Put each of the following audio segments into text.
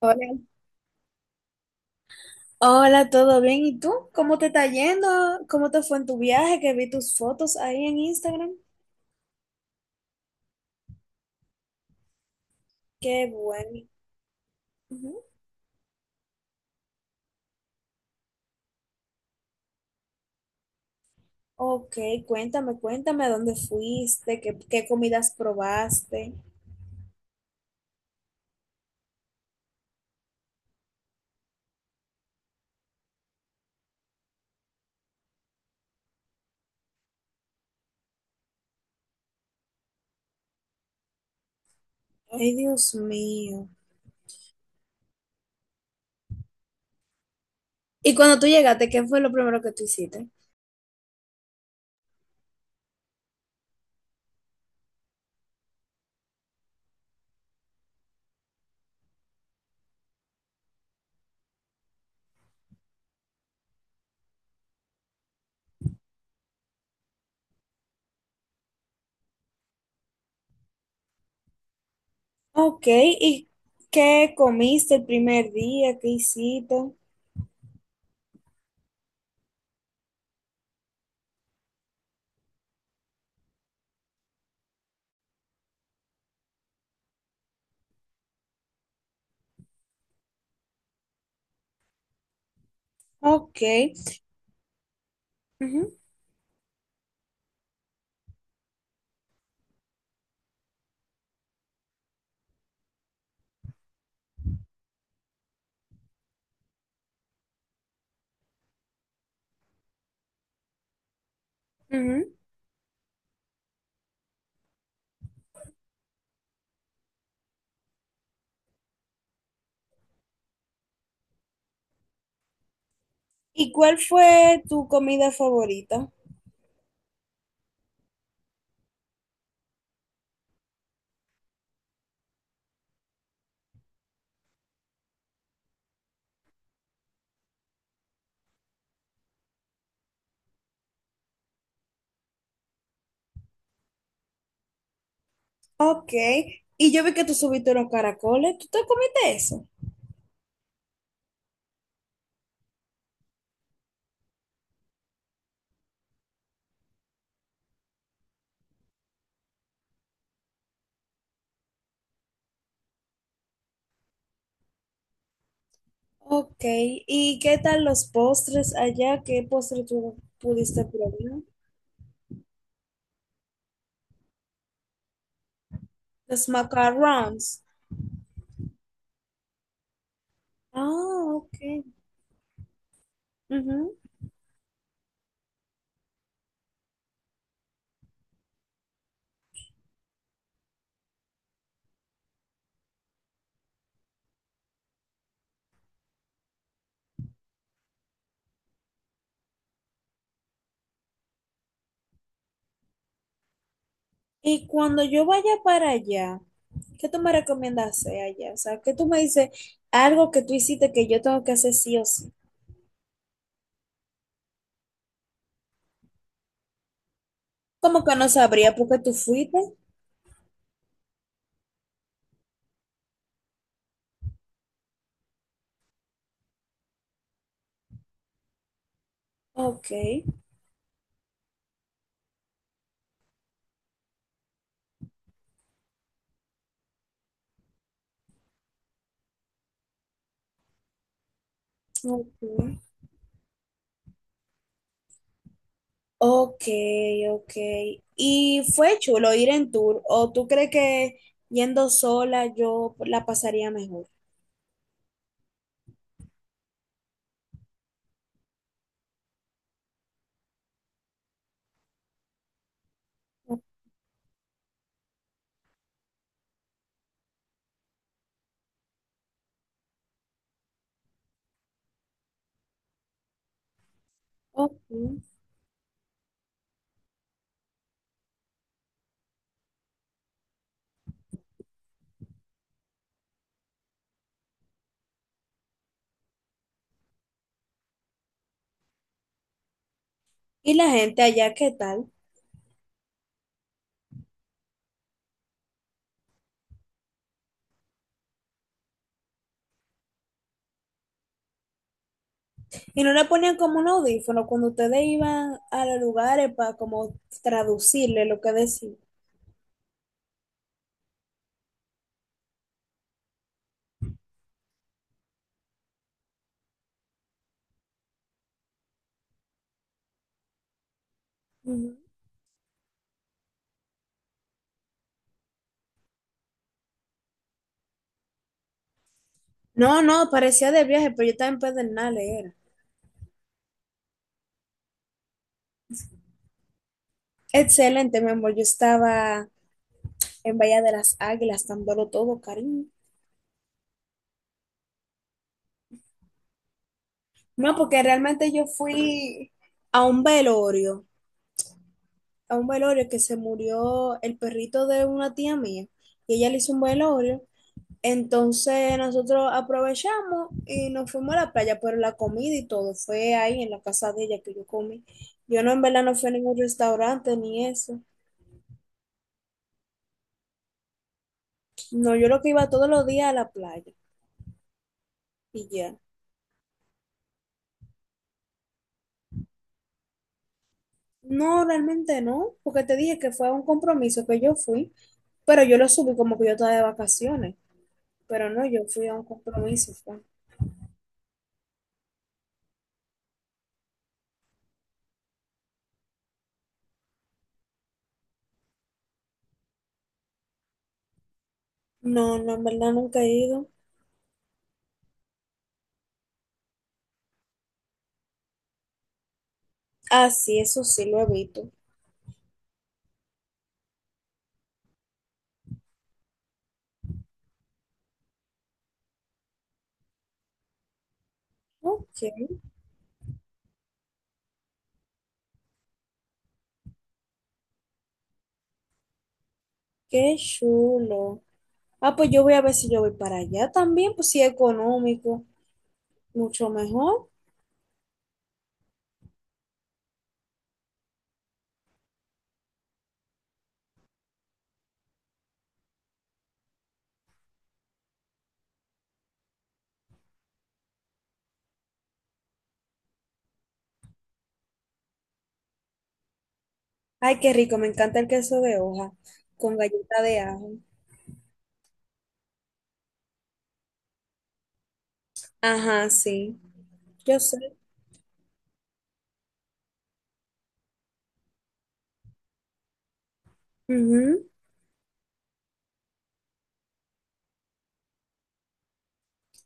Hola, hola, ¿todo bien? ¿Y tú? ¿Cómo te está yendo? ¿Cómo te fue en tu viaje? Que vi tus fotos ahí en Instagram. Qué bueno. Ujú. Ok, cuéntame a dónde fuiste, qué comidas probaste. Ay, Dios mío. Y cuando tú llegaste, ¿qué fue lo primero que tú hiciste? Ok, ¿y qué comiste el primer día? ¿Qué hiciste? Ok. Ujú, ujú. ¿Y cuál fue tu comida favorita? Ok, y yo vi que tú subiste unos caracoles, ¿tú te comiste eso? Ok, ¿y qué tal los postres allá? ¿Qué postre tú pudiste probar? Los macarons. Ah, ok. Ujú. Y cuando yo vaya para allá, ¿qué tú me recomiendas hacer allá? O sea, ¿qué tú me dices algo que tú hiciste que yo tengo que hacer sí o sí? Como que no sabría por qué tú fuiste. Ok, ok. Ok, ok. ¿Y fue chulo ir en tour? ¿O tú crees que yendo sola yo la pasaría mejor? Ok. ¿Y la gente allá qué tal? ¿Y no le ponían como un audífono cuando ustedes iban a los lugares para como traducirle lo que decían? Ujú. No, no, parecía de viaje, pero yo estaba en Pedernales, era. Excelente, mi amor. Yo estaba en Bahía de las Águilas, dándolo todo, cariño. No, porque realmente yo fui a un velorio, a un velorio que se murió el perrito de una tía mía y ella le hizo un velorio. Entonces nosotros aprovechamos y nos fuimos a la playa, pero la comida y todo fue ahí en la casa de ella que yo comí. Yo no, en verdad no fui a ningún restaurante ni eso. No, yo lo que iba todos los días a la playa y ya. No, realmente no, porque te dije que fue un compromiso que yo fui, pero yo lo subí como que yo estaba de vacaciones, pero no, yo fui a un compromiso. Fue. No, no, en verdad nunca he ido. Ah, sí, eso sí lo he visto. Ok, qué chulo. Ah, pues yo voy a ver si yo voy para allá también, pues sí, económico, mucho mejor. Ay, qué rico, me encanta el queso de hoja con galleta de ajo. Ajá, sí, yo sé. Ujú.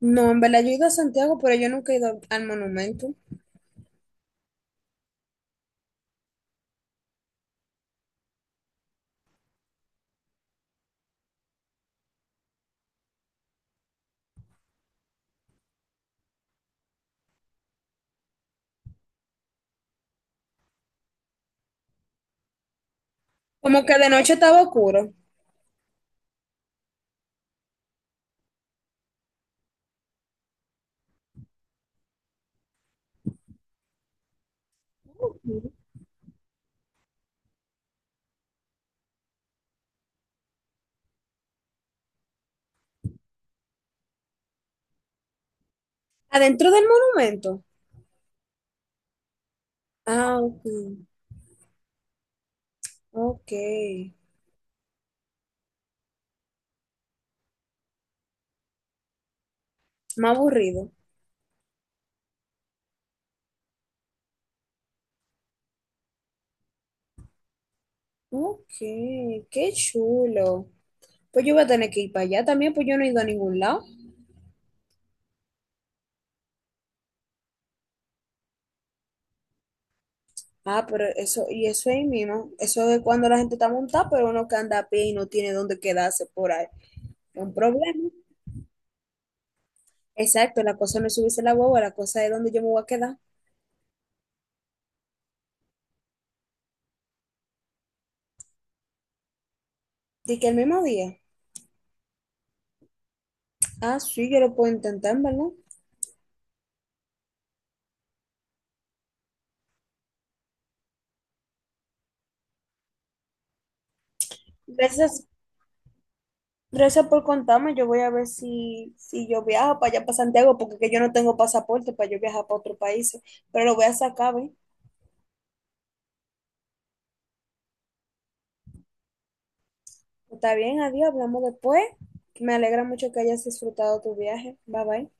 No, en verdad yo he ido a Santiago, pero yo nunca he ido al monumento. Como que de noche estaba oscuro. Ujú. Adentro del monumento. Ah, ok, ok. Más aburrido. Ok, qué chulo. Pues yo voy a tener que ir para allá también, pues yo no he ido a ningún lado. Ah, pero eso, y eso ahí mismo, eso es cuando la gente está montada, pero uno que anda a pie y no tiene dónde quedarse por ahí. Es un problema. Exacto, la cosa no es subirse a la guagua, la cosa es dónde yo me voy a quedar. Dice que el mismo día. Ah, sí, yo lo puedo intentar, ¿verdad? Gracias, gracias por contarme. Yo voy a ver si, si yo viajo para allá, para Santiago, porque que yo no tengo pasaporte para yo viajar para otros países, pero lo voy a sacar, ¿ves? Está bien, adiós, hablamos después. Me alegra mucho que hayas disfrutado tu viaje. Bye bye.